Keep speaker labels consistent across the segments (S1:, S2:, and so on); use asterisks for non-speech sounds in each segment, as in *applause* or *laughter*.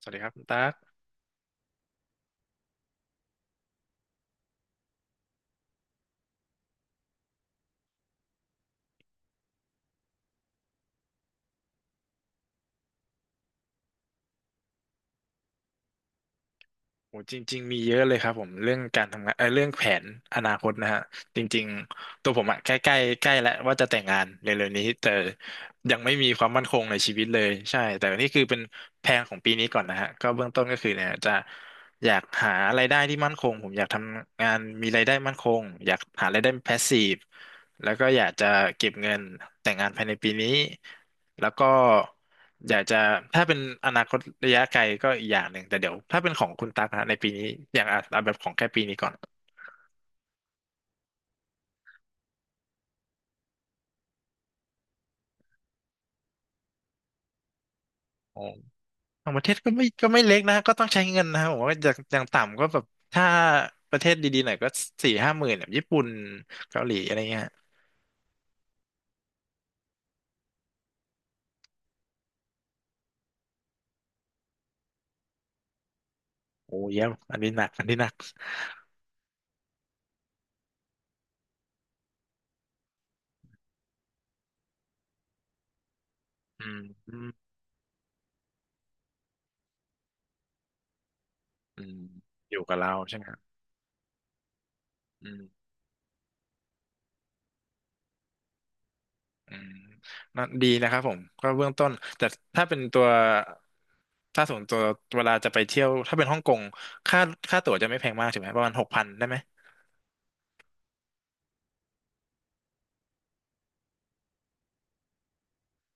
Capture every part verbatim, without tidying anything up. S1: สวัสดีครับคุณตั๊กโอ้จริงๆมีเยอะเลยครับผมเรื่องการทำงานเออเรื่องแผนอนาคตนะฮะจริงๆตัวผมอะใกล้ใกล้ใกล้แล้วว่าจะแต่งงานเร็วๆนี้แต่ยังไม่มีความมั่นคงในชีวิตเลยใช่แต่นี่คือเป็นแพลนของปีนี้ก่อนนะฮะก็เบื้องต้นก็คือเนี่ยจะอยากหารายได้ที่มั่นคงผมอยากทำงานมีรายได้มั่นคงอยากหารายได้แพสซีฟแล้วก็อยากจะเก็บเงินแต่งงานภายในปีนี้แล้วก็ อยากจะถ้าเป็นอนาคตระยะไกลก็อีกอย่างหนึ่งแต่เดี๋ยวถ้าเป็นของคุณตั๊กนะในปีนี้อย่างอ่ะเอาแบบของแค่ปีนี้ก่อนอ๋อต่างประเทศก็ไม่ก็ไม่เล็กนะก็ต้องใช้เงินนะผมว่าอย่างอย่างต่ำก็แบบถ้าประเทศดีๆหน่อยก็สี่ห้าหมื่นแบบญี่ปุ่นเกาหลีอะไรเงี้ยโอ้เยี่ยมอันนี้หนักอันนี้หนักอืมอืมอืมอยู่กับเราใช่ไหมครับ อืมน่าดีนะครับผมก็เบื้องต้น แต่ถ้าเป็นตัว ถ้าส่วนตัวเวลาจะไปเที่ยวถ้าเป็นฮ่องกงค่าค่าตั๋วจะไม่แพงมากใช่ไหมประมาณหกพันได้ไหม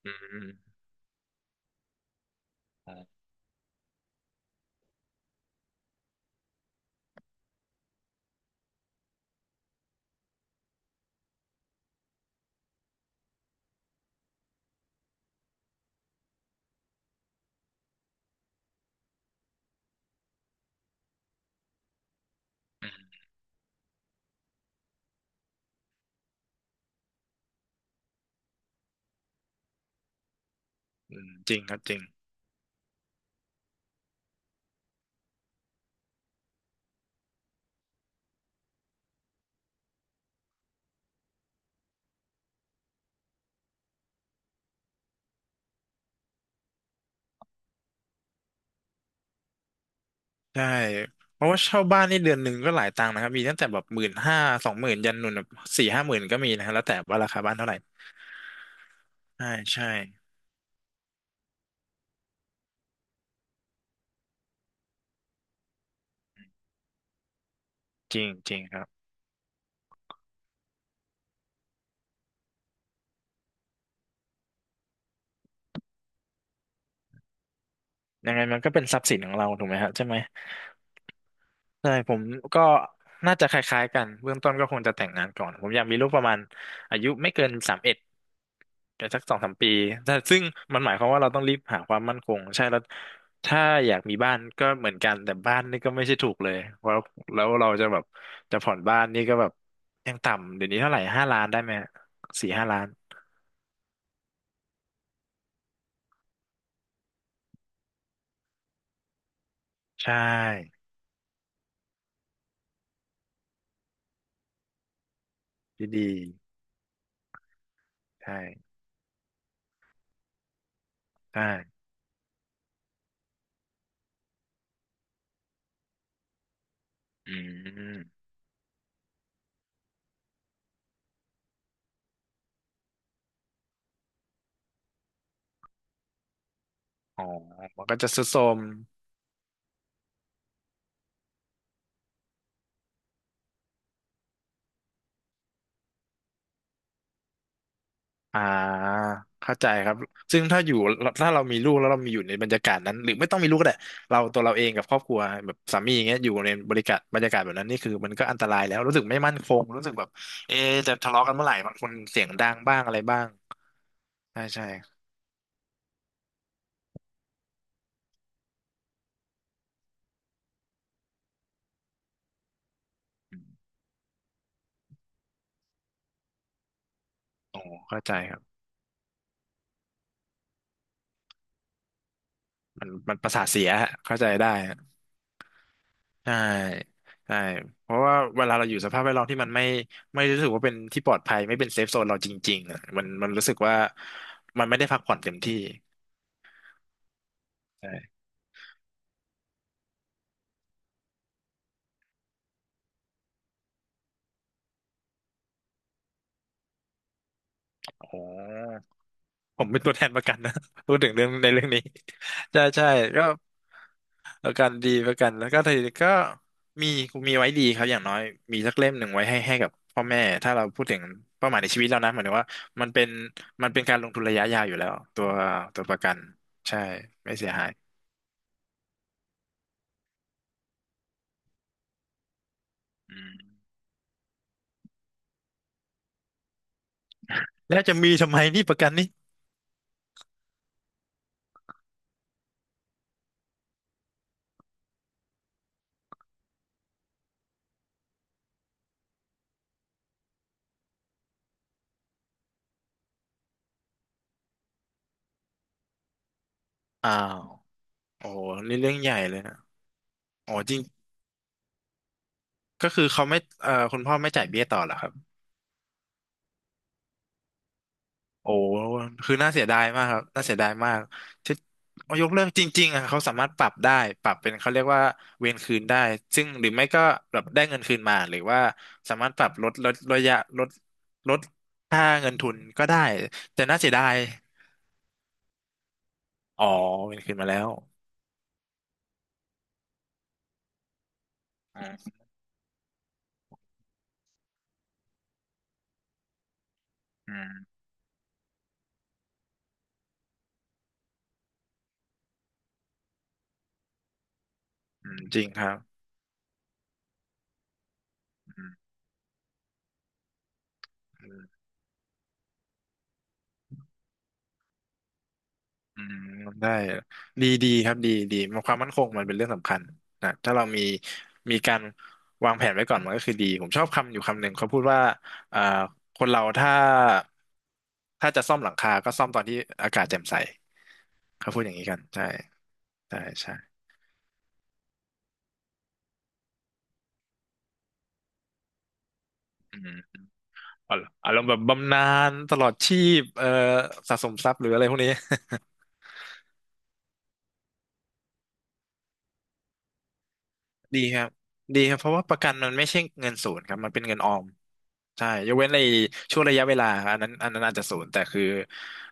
S1: อืมอืมอ๋ออืมอืมจริงครับจริง ใช่ เพราะว่าเช่าบ้านนี่เดือนหนึ่งก็หลายตังค์นะครับมีตั้งแต่แบบหมื่นห้าสองหมื่นยันหนุนแบบสี่ห้าหมื่นก็มีนะครับแล้วแต่ว่าราคาบ้านเท่าไหร่ ใช่ใช่จริงจริงครับยังไงมันก็เป็นทรัพย์สินของเราถูกไหมฮะใช่ไหม ใช่ผมก็น่าจะคล้ายๆกันเบื้องต้นก็คงจะแต่งงานก่อนผมอยากมีลูกประมาณอายุไม่เกินสามเอ็ดแต่สักสองสามปีแต่ซึ่งมันหมายความว่าเราต้องรีบหาความมั่นคงใช่แล้วถ้าอยากมีบ้านก็เหมือนกันแต่บ้านนี่ก็ไม่ใช่ถูกเลยเพราะแล้วเราจะแบบจะผ่อนบ้านนี่ก็แบบยังต่ำเดี๋ยวนี้เท่าไหร่ห้าล้านได้ไหมสี่ห้าล้านใช่ดีๆใช่ใช่อืมอ๋อมันก็จะทุดโทรม อ่าเข้าใจครับซึ่งถ้าอยู่ถ้าเรามีลูกแล้วเรามีอยู่ในบรรยากาศนั้นหรือไม่ต้องมีลูกก็ได้เราตัวเราเองกับครอบครัวแบบสามีอย่างเงี้ยอยู่ในบริการบรรยากาศแบบนั้นนี่คือมันก็อันตรายแล้วรู้สึกไม่มั่นคงรู้สึกแบบเอะจะทะเลาะกันเมื่อไหร่บางคนเสียงดังบ้างอะไรบ้างใช่ใช่โอ้เข้าใจครับมันมันประสาทเสียฮะเข้าใจได้ฮะใช่ใช่เพราะว่าเวลาเราอยู่สภาพแวดล้อมที่มันไม่ไม่รู้สึกว่าเป็นที่ปลอดภัยไม่เป็นเซฟโซนเราจริงๆอะมันมันรู้สึกว่ามันไม่ได้พักผ่อนเต็มที่ อ๋อผมเป็นตัวแทนประกันนะ *laughs* พูดถึงเรื่องในเรื่องนี้ *laughs* ใช่ใช่ก็ประกันดีประกันแล้วก็ทีนี้ก็มีมีไว้ดีครับอย่างน้อยมีสักเล่มหนึ่งไว้ให้ให้กับพ่อแม่ถ้าเราพูดถึงเป้าหมายในชีวิตเรานะหมายถึงว่ามันเป็นมันเป็นการลงทุนระยะยาวอยู่แล้วตัวตัวประกันใช่ไม่เสียหายอืมแล้วจะมีทำไมนี่ประกันนี่อ้าวโอ้โหนี่เรื่องใหญ่เลยนะโอ้จริงก็คือเขาไม่เอ่อคุณพ่อไม่จ่ายเบี้ยต่อเหรอครับ โอ้คือน่าเสียดายมากครับ น่าเสียดายมากที่เอายกเลิกจริงๆอ่ะเขาสามารถปรับได้ ปรับเป็นเขาเรียกว่าเวรคืนได้ ซึ่งหรือไม่ก็แบบได้เงินคืนมาหรือว่าสามารถปรับลดลดระยะลดลดค่าเงินทุนก็ได้แต่น่าเสียดายอ๋อเวรคืนมาแล้วอืมอืมอืมจริงครับอืม อืมได้ดีดีครับดีดีมันความมั่นคงมันเป็นเรื่องสำคัญนะถ้าเรามีมีการวางแผนไว้ก่อนมันก็คือดีผมชอบคำอยู่คำหนึ่งเขาพูดว่าอ่าคนเราถ้าถ้าจะซ่อมหลังคาก็ซ่อมตอนที่อากาศแจ่มใสเขาพูดอย่างนี้กันใช่ใช่ใช่อืมอารอารมณ์แบบบำนาญตลอดชีพเอ่อสะสมทรัพย์หรืออะไรพวกนี้ *laughs* ดีครับดีครับเพราะว่าประกันมันไม่ใช่เงินศูนย์ครับมันเป็นเงินออมใช่ยกเว้นในช่วงระยะเวลาอันนั้นอันนั้นอาจจะศูนย์แต่คือ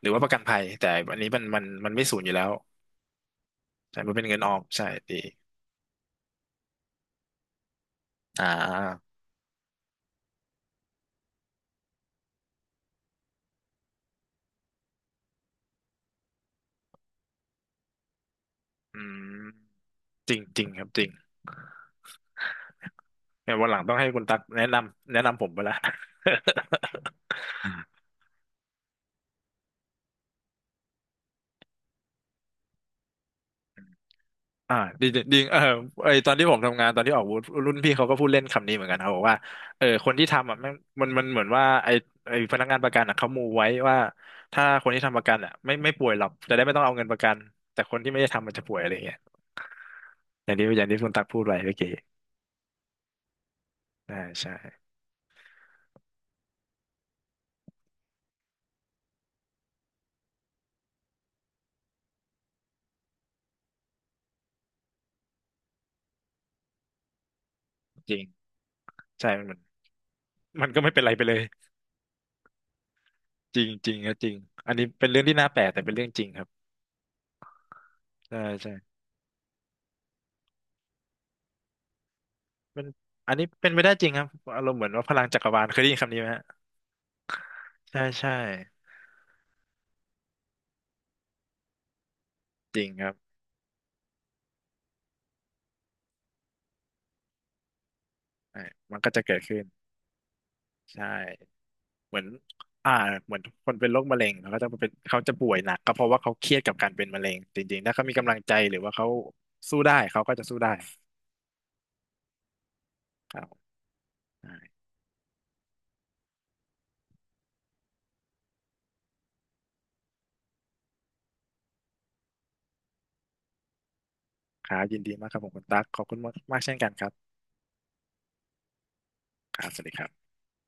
S1: หรือว่าประกันภัยแต่อันนี้มันมันมันไม่ศูนย์อยู่แล้วใช่มันเป็นเงินออมใช่ดีอ่าอืมจริงจริงครับจริงเนี่ยวันหลังต้องให้คุณตักแนะนำแนะนำผมไปละ *laughs* อ่าดีจริงเออไอตอนที่ผมทำงานตอนที่ออกบูธรุ่นพี่เขาก็พูดเล่นคำนี้เหมือนกันเขาบอกว่าเออคนที่ทำอ่ะแม่งมันมันเหมือนว่าไอไอพนักงานประกันอ่ะเขามูไว้ว่าถ้าคนที่ทำประกันอ่ะไม่ไม่ป่วยหรอกจะได้ไม่ต้องเอาเงินประกันแต่คนที่ไม่ได้ทำมันจะป่วยอะไรอย่างเงี้ยอย่างที่อย่างที่คุณตักพูดไว้เมื่อกี้อ่าใช่จริงใช่มันมันมันก็ไม่เป็นไรไปเลยจริงจริงครับจริงอันนี้เป็นเรื่องที่น่าแปลกแต่เป็นเรื่องจริงครับใช่ใช่เป็นอันนี้เป็นไปได้จริงครับอารมณ์เหมือนว่าพลังจักรวาลเคยได้ยินคำนี้ไหมฮะใช่ใช่จริงครับ ใช่มันก็จะเกิดขึ้นใช่เหมือนอ่าเหมือนคนเป็นโรคมะเร็งเขาก็จะเป็นเขาจะป่วยหนักก็เพราะว่าเขาเครียดกับการเป็นมะเร็งจริงๆถ้าเขามีกำลังใจหรือว่าเขาสู้ได้เขาก็จะสู้ได้ครับใช่ครับยินดีมากครับผมคุณตั๊กขอบคุณมากมากเช่นกันครับครับสวัสดีครับ